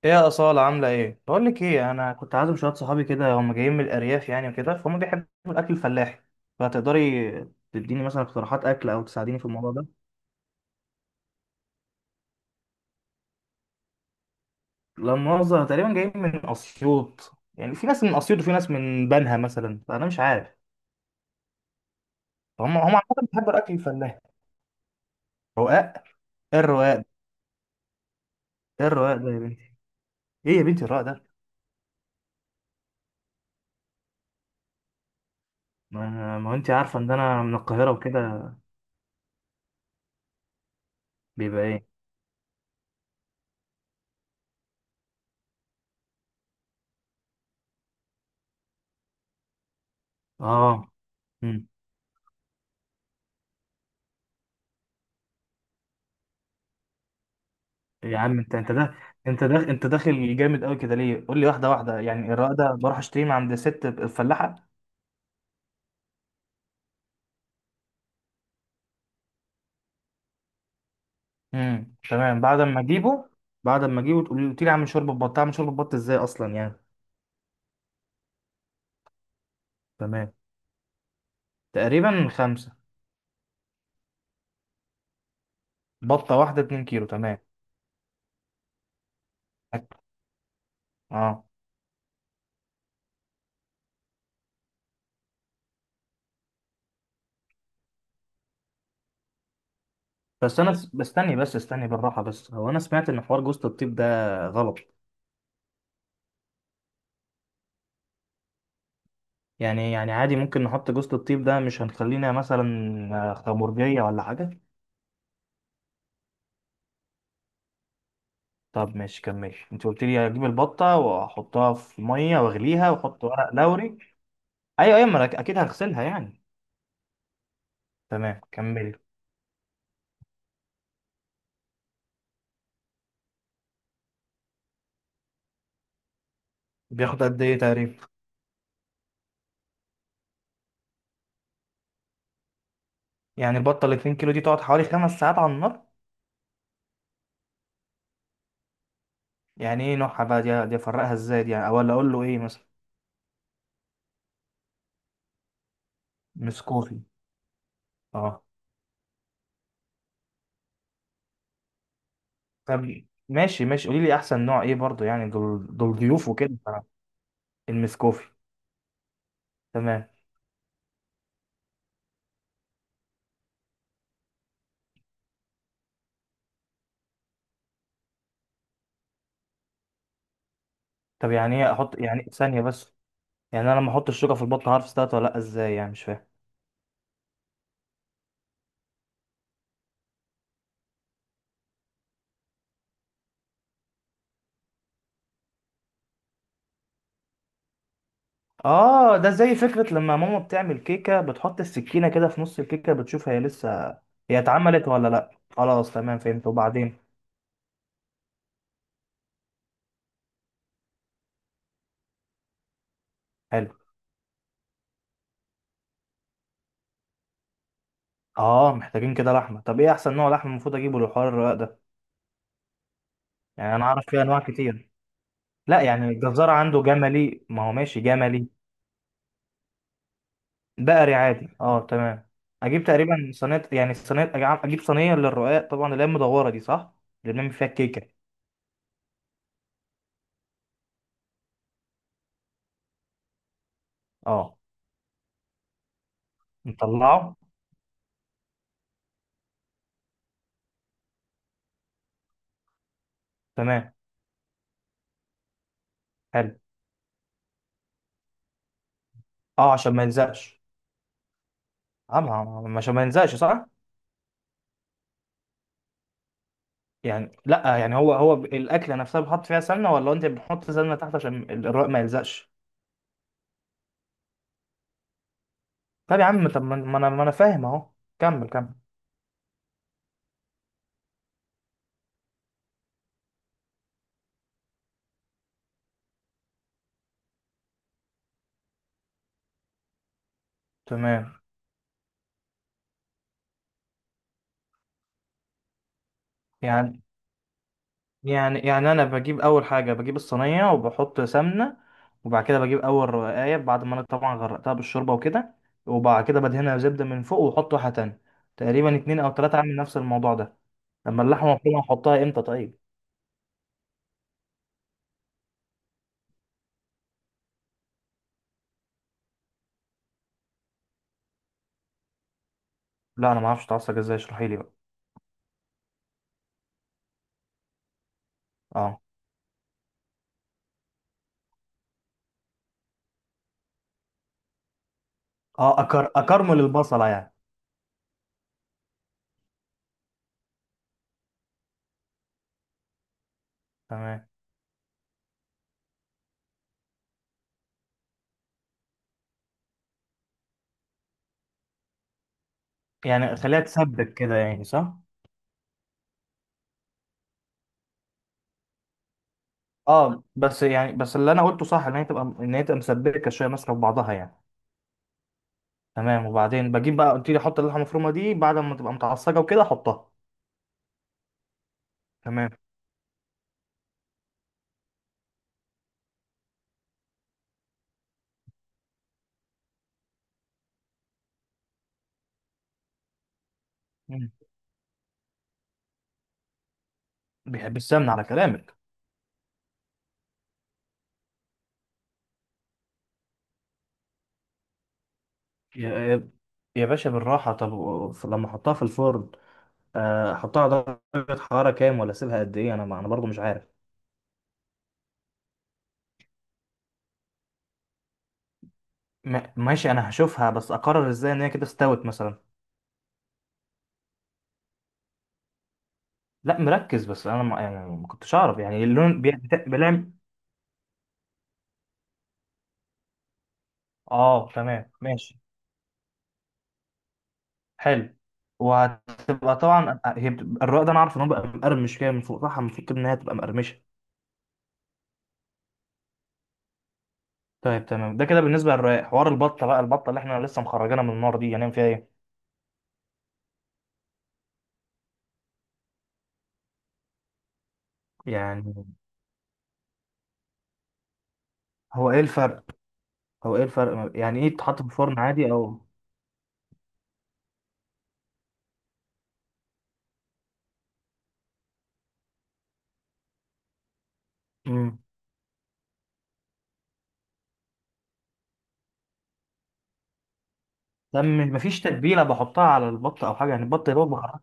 ايه يا أصالة عاملة ايه؟ بقول لك ايه، انا كنت عازم شوية صحابي كده، هم جايين من الارياف يعني وكده، فهم بيحبوا الاكل الفلاحي. فتقدري تديني مثلا اقتراحات اكل او تساعديني في الموضوع ده؟ لا مؤاخذة، تقريبا جايين من اسيوط، يعني في ناس من اسيوط وفي ناس من بنها مثلا، فانا مش عارف. فهم هم عامة بيحبوا الاكل الفلاحي. رقاق؟ ايه الرقاق ده؟ ايه الرقاق ده يا بنتي؟ ايه يا بنتي الرقاق ده؟ ما انت عارفة ان انا من القاهرة وكده. بيبقى ايه؟ اه. إمم. يا عم انت، انت ده انت داخل جامد قوي كده ليه؟ قول لي واحده واحده يعني. الرق ده بروح اشتريه من عند ست الفلاحه؟ تمام، بعد ما اجيبه. بعد ما اجيبه تقول لي اعمل شوربه بط. اعمل شوربه بط ازاي اصلا يعني؟ تمام، تقريبا خمسه. بطه واحده 2 كيلو، تمام. اه، بس انا بستني بس، استني بالراحه، بس هو انا سمعت ان حوار جوزة الطيب ده غلط. يعني عادي ممكن نحط جوزة الطيب ده؟ مش هنخلينا مثلا خمرجيه ولا حاجه؟ طب ماشي، كمل. انت قلت لي اجيب البطه واحطها في ميه واغليها واحط ورق لوري. ايوه ما انا اكيد هغسلها يعني. تمام كمل. بياخد قد ايه تقريبا؟ يعني البطه ال 2 كيلو دي تقعد حوالي خمس ساعات على النار؟ يعني ايه نوعها بقى؟ دي افرقها ازاي دي يعني، ولا اقول له ايه مثلا؟ مسكوفي. اه. طب ماشي ماشي، قولي لي احسن نوع ايه برضو، يعني دول ضيوف وكده. المسكوفي؟ تمام. طب يعني ايه احط يعني؟ ثانيه بس. يعني انا لما احط الشوكه في البطه هعرف استوت ولا لا ازاي يعني؟ مش فاهم. اه، ده زي فكرة لما ماما بتعمل كيكة بتحط السكينة كده في نص الكيكة، بتشوف هي لسه هي اتعملت ولا لا. خلاص تمام، فهمت. وبعدين؟ حلو. اه، محتاجين كده لحمة. طب ايه احسن نوع لحمة المفروض اجيبه للحوار الرقاق ده؟ يعني انا اعرف فيه انواع كتير. لا، يعني الجزار عنده جملي، ما هو ماشي جملي. بقري عادي، اه تمام. اجيب تقريبا صينية، يعني صينية اجيب صينية للرقاق، طبعا اللي هي المدورة دي صح، اللي بنعمل فيها الكيكة. اه. نطلعه. تمام. حلو. اه، عشان ما يلزقش. طبعا، مش ما ينزلش صح؟ يعني لا، يعني هو الاكله نفسها بتحط فيها سمنه، ولا انت بتحط سمنه تحت عشان الرق ما يلزقش؟ طب يا عم، طب ما انا، ما انا فاهم اهو. كمل. تمام. يعني يعني انا بجيب اول حاجه، بجيب الصينيه وبحط سمنه، وبعد كده بجيب اول رقايه بعد ما انا طبعا غرقتها بالشوربه وكده، وبعد كده بدهنها زبده من فوق واحط واحده تانية، تقريبا اتنين او تلاته اعمل نفس الموضوع ده. لما اللحمه مفرومه احطها امتى طيب؟ لا انا ما اعرفش اتعصب ازاي، اشرحي لي بقى. اه اه، اكرمل البصلة يعني. تمام. يعني خليها تسبك كده يعني صح؟ اه، بس يعني، بس اللي انا قلته صح، ان هي تبقى، ان هي تبقى مسبكه شويه ماسكه في بعضها يعني. تمام. وبعدين بجيب بقى، قلت لي احط اللحمه المفرومه دي بعد ما تبقى متعصجه وكده احطها. تمام. مم. بيحب السمنه على كلامك. يا يا يا باشا بالراحه. طب لما احطها في الفرن، احطها على درجه حراره كام ولا اسيبها قد ايه؟ انا انا برضو مش عارف. ماشي، انا هشوفها بس اقرر ازاي ان هي كده استوت مثلا؟ لا مركز، بس انا ما يعني ما كنتش اعرف يعني اللون بلام. اه تمام، ماشي. حلو. وهتبقى طبعا هي الرق ده انا عارف ان هو بقى مقرمش كده من فوق صح، المفروض ان هي تبقى مقرمشه. طيب تمام، ده كده بالنسبه للرق. حوار البطه بقى، البطه اللي احنا لسه مخرجينها من النار دي، هنعمل فيها ايه؟ يعني هو ايه الفرق هو ايه الفرق يعني، ايه تتحط في الفرن عادي او؟ امم. طب مفيش تتبيله بحطها على البطه او حاجه يعني؟ البطه يا دوب بخرجها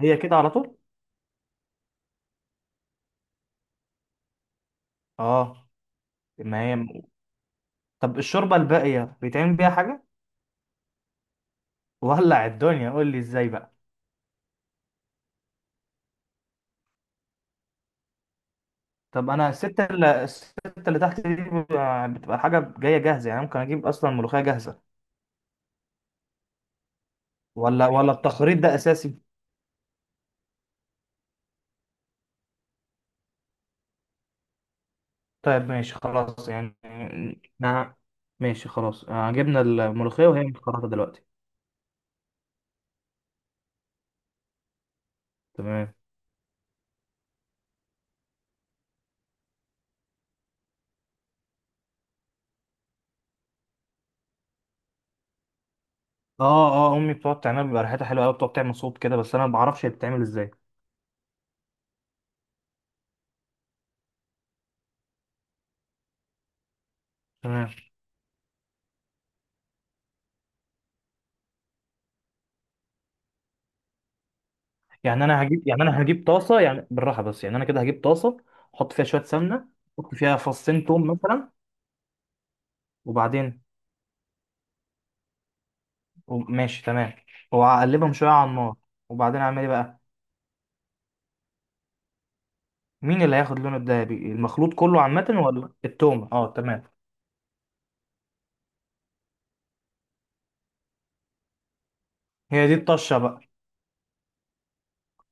هي كده على طول؟ اه. ما هي، طب الشوربه الباقيه بيتعمل بيها حاجه؟ ولع الدنيا، قول لي ازاي بقى. طب انا الستة اللي تحت دي بتبقى، بتبقى الحاجة جاية جاهزة يعني، ممكن اجيب اصلا ملوخية جاهزة؟ ولا التخريط ده اساسي؟ طيب ماشي خلاص يعني. نعم. ماشي خلاص، جبنا الملوخية وهي متخرطة دلوقتي. تمام. اه اه، امي بتقعد تعملها بيبقى ريحتها حلوه قوي، بتقعد تعمل صوت كده، بس انا ما بعرفش هي بتتعمل ازاي. تمام. انا هجيب طاسه يعني، بالراحه بس، يعني انا كده هجيب طاسه احط فيها شويه سمنه، احط فيها فصين توم مثلا. وبعدين؟ ماشي تمام، وأقلبهم شوية على النار، وبعدين أعمل إيه بقى؟ مين اللي هياخد لونه الدهبي، المخلوط كله عامة ولا التومة؟ اه تمام. هي دي الطشة بقى؟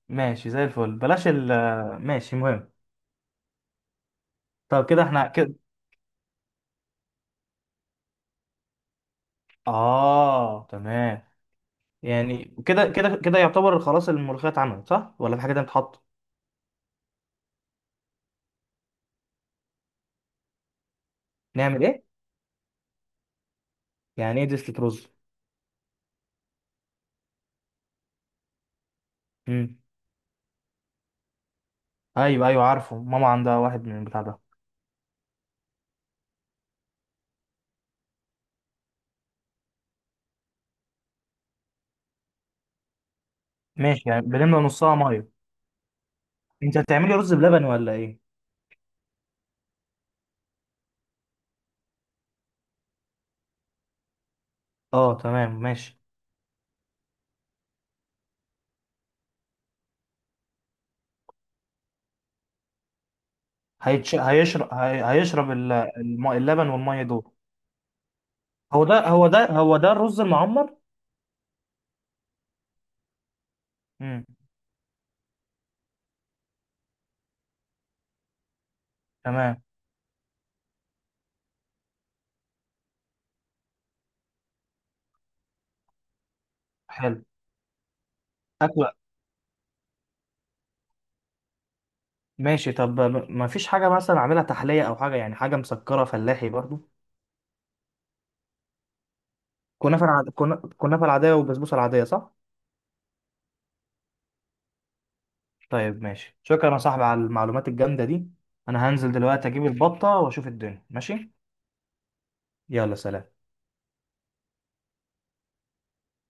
ماشي زي الفل، بلاش ال ماشي مهم. طب كده احنا كده؟ اه تمام. يعني كده يعتبر خلاص الملوخية اتعملت صح، ولا في حاجة تانية بتتحط؟ نعمل ايه؟ يعني ايه دستة رز؟ امم. ايوه عارفه، ماما عندها واحد من البتاع ده. ماشي، يعني بنملى نصها ميه؟ انت هتعملي رز بلبن ولا ايه؟ اه تمام ماشي. هيشرب هيشرب اللبن والميه دول؟ هو ده الرز المعمر. امم. تمام. حلو. اكله. ماشي طب، ما فيش حاجه مثلا اعملها تحليه او حاجه، يعني حاجه مسكره فلاحي برضو؟ كنافه كنافه العاديه والبسبوسه العاديه صح؟ طيب ماشي، شكرا يا صاحبي على المعلومات الجامده دي. انا هنزل دلوقتي اجيب البطه واشوف الدنيا. ماشي؟ يلا سلام.